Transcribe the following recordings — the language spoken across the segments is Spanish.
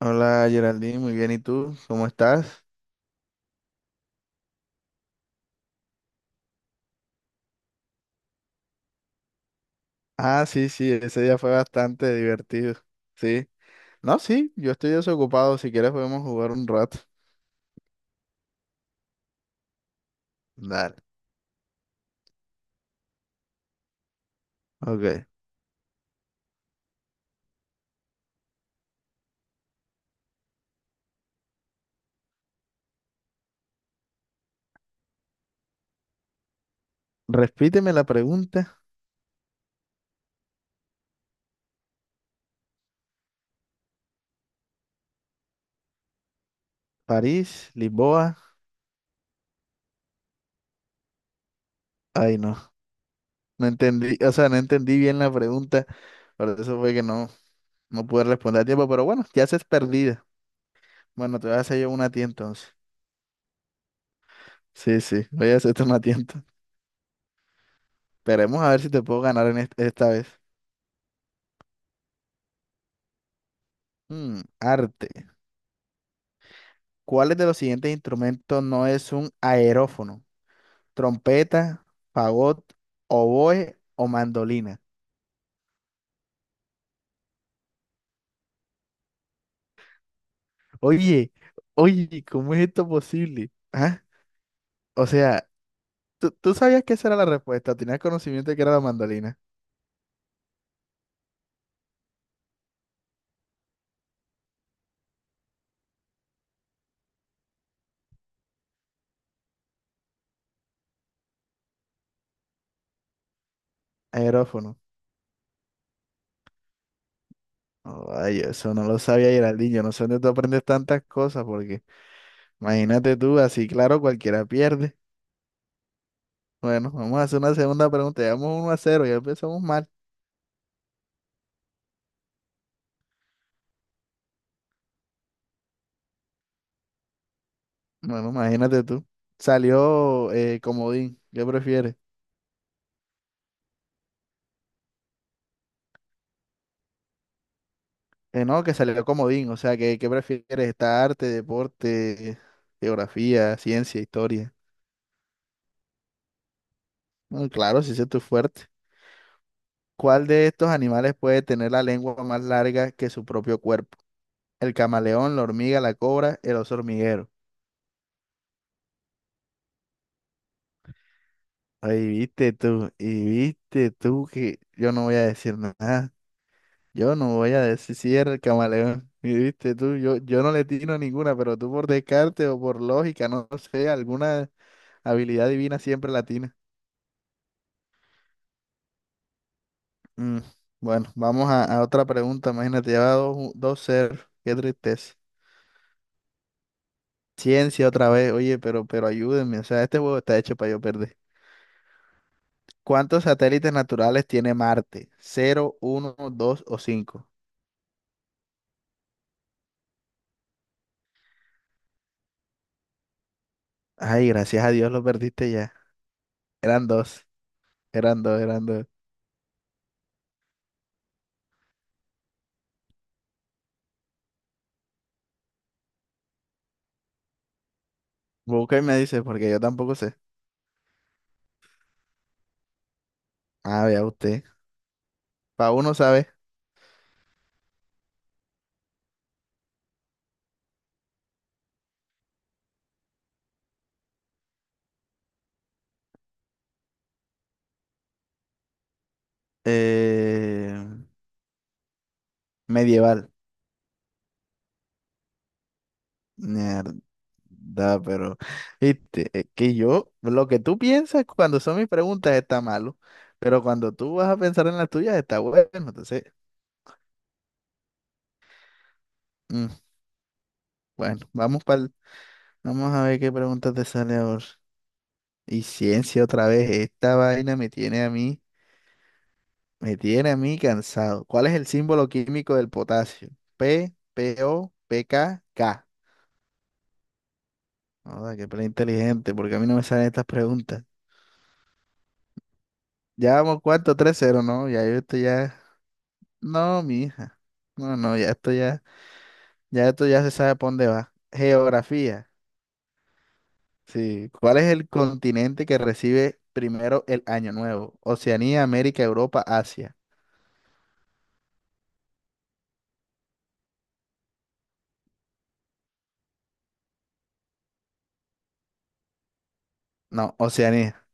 Hola Geraldine, muy bien. ¿Y tú? ¿Cómo estás? Ah, sí, sí, ese día fue bastante divertido. Sí. No, sí, yo estoy desocupado. Si quieres podemos jugar un rato. Dale. Ok. Repíteme la pregunta. París, Lisboa. Ay, no. No entendí, o sea, no entendí bien la pregunta. Por eso fue que no, no pude responder a tiempo. Pero bueno, ya se es perdida. Bueno, te voy a hacer yo una a ti entonces. Sí, sí, voy a hacerte una a ti entonces. Esperemos a ver si te puedo ganar en esta vez. Arte. ¿Cuáles de los siguientes instrumentos no es un aerófono? ¿Trompeta, fagot, oboe o mandolina? Oye, oye, ¿cómo es esto posible? ¿Ah? O sea, ¿tú sabías que esa era la respuesta? ¿Tenías conocimiento de que era la mandolina? Aerófono. Ay, eso no lo sabía, Geraldinho. No sé dónde tú aprendes tantas cosas, porque imagínate tú, así claro, cualquiera pierde. Bueno, vamos a hacer una segunda pregunta. Llevamos 1-0. Ya empezamos mal. Bueno, imagínate tú. Salió comodín. ¿Qué prefieres? No, que salió comodín. O sea, ¿qué prefieres? ¿Está arte, deporte, geografía, ciencia, historia? Bueno, claro, si ese es tu fuerte. ¿Cuál de estos animales puede tener la lengua más larga que su propio cuerpo? El camaleón, la hormiga, la cobra, el oso hormiguero. Ahí viste tú, y viste tú que yo no voy a decir nada. Yo no voy a decir si era el camaleón. Y viste tú, yo no le tiro ninguna, pero tú por descarte o por lógica, no sé, alguna habilidad divina siempre la tienes. Mm, Bueno, vamos a otra pregunta. Imagínate, ya va dos 0. Qué tristeza. Ciencia otra vez. Oye, pero ayúdenme. O sea, este juego está hecho para yo perder. ¿Cuántos satélites naturales tiene Marte? ¿Cero, uno, dos o cinco? Ay, gracias a Dios lo perdiste ya. Eran dos. Eran dos, eran dos. Busca y me dice, porque yo tampoco sé. Ah, vea usted. Para uno sabe. Eh, medieval. Mierda, pero. Viste, es que yo, lo que tú piensas cuando son mis preguntas está malo. Pero cuando tú vas a pensar en las tuyas está bueno. Entonces, mm, bueno, vamos a ver qué pregunta te sale ahora. Y ciencia otra vez. Esta vaina me tiene a mí. Me tiene a mí cansado. ¿Cuál es el símbolo químico del potasio? P, P, O, P, K, K. Joda, qué plan inteligente, porque a mí no me salen estas preguntas. Ya vamos cuarto, 3-0, ¿no? Ya yo esto ya. No, mi hija. No, no, ya esto ya. Ya esto ya se sabe por dónde va. Geografía. Sí. ¿Cuál es el continente que recibe primero el Año Nuevo? Oceanía, América, Europa, Asia. No, Oceanía.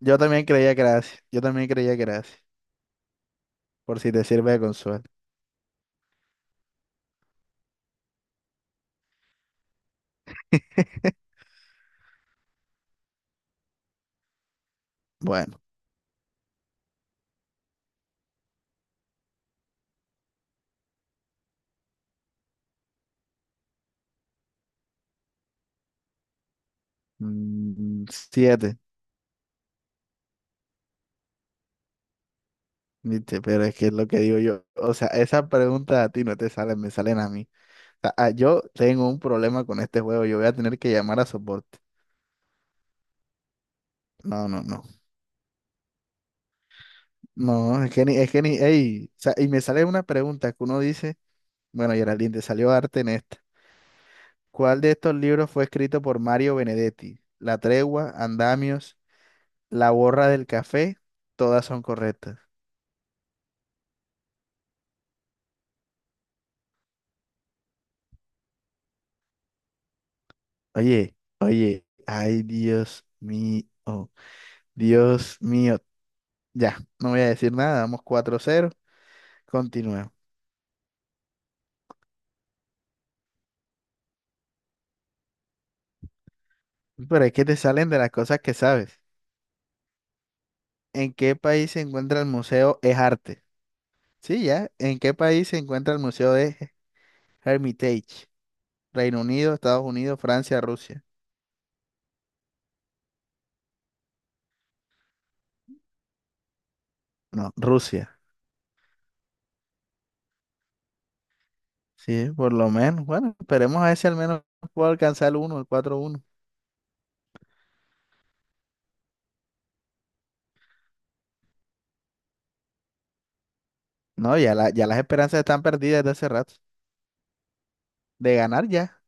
Yo también creía que era Asia. Yo también creía que era Asia. Por si te sirve de consuelo. Bueno. Siete. Viste, pero es que es lo que digo yo. O sea, esas preguntas a ti no te salen, me salen a mí. Sea, ah, yo tengo un problema con este juego. Yo voy a tener que llamar a soporte. No, no, no. No, es que ni, ey, o sea, y me sale una pregunta que uno dice, bueno, Geraldine, te salió arte en esta. ¿Cuál de estos libros fue escrito por Mario Benedetti? La tregua, Andamios, La borra del café, todas son correctas. Oye, oye, ay, Dios mío, Dios mío. Ya, no voy a decir nada, vamos 4-0. Continúa. Pero es que te salen de las cosas que sabes. ¿En qué país se encuentra el Museo Es Arte? Sí, ya. ¿En qué país se encuentra el Museo de Hermitage? Reino Unido, Estados Unidos, Francia, Rusia. No, Rusia. Sí, por lo menos. Bueno, esperemos a ver si al menos puedo alcanzar el uno, el 4-1. No, ya, ya las esperanzas están perdidas desde hace rato. De ganar ya.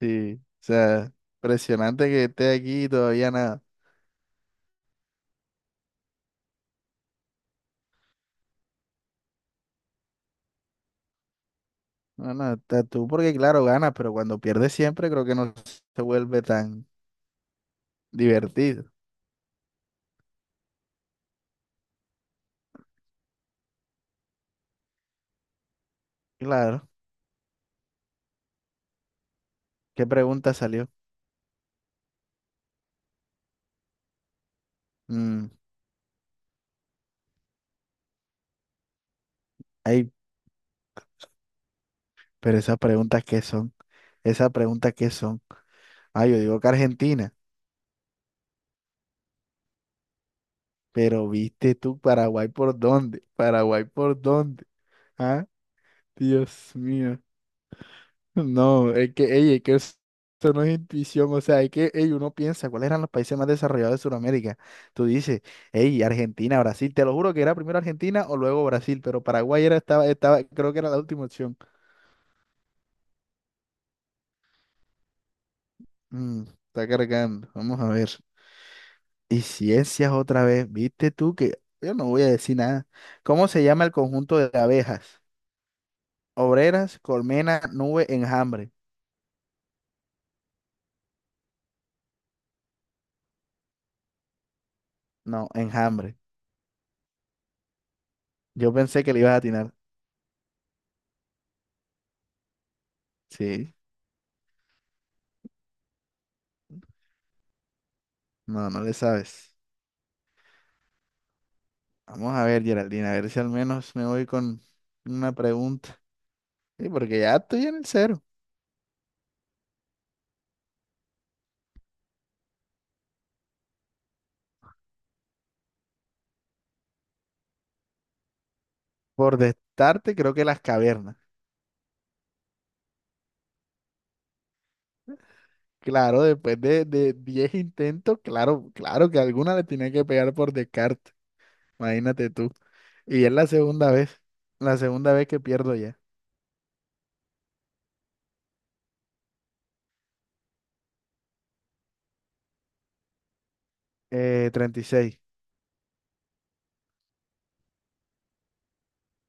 Sí. O sea, impresionante que esté aquí y todavía nada. No, no, está tú porque claro, ganas, pero cuando pierdes siempre creo que no se vuelve tan divertido. Claro. ¿Qué pregunta salió? Mm, ay, pero esas preguntas qué son, esas preguntas qué son. Ah, yo digo que Argentina, pero viste tú Paraguay por dónde, Paraguay por dónde. Ah, Dios mío. No, es que, ey, es que eso no es intuición, o sea, es que, ey, uno piensa, ¿cuáles eran los países más desarrollados de Sudamérica? Tú dices, ey, Argentina, Brasil, te lo juro que era primero Argentina o luego Brasil, pero Paraguay era, estaba, estaba, creo que era la última opción. Mm, está cargando, vamos a ver. Y ciencias otra vez, viste tú que yo no voy a decir nada. ¿Cómo se llama el conjunto de abejas? Obreras, colmena, nube, enjambre. No, enjambre. Yo pensé que le ibas a atinar. Sí, no, no le sabes. Vamos a ver, Geraldine, a ver si al menos me voy con una pregunta. Sí, porque ya estoy en el cero. Por destarte, creo que las cavernas. Claro, después de, 10 intentos, claro, claro que alguna le tenía que pegar por descarte. Imagínate tú. Y es la segunda vez que pierdo ya. 36.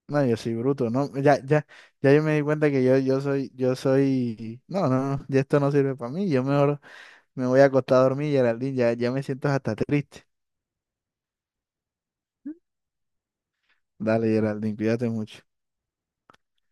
No, yo soy bruto, no, ya, ya, ya yo me di cuenta que yo, yo soy, no, no, no, ya esto no sirve para mí, yo mejor me voy a acostar a dormir, Geraldine, ya, ya me siento hasta triste. Dale, Geraldine, cuídate mucho.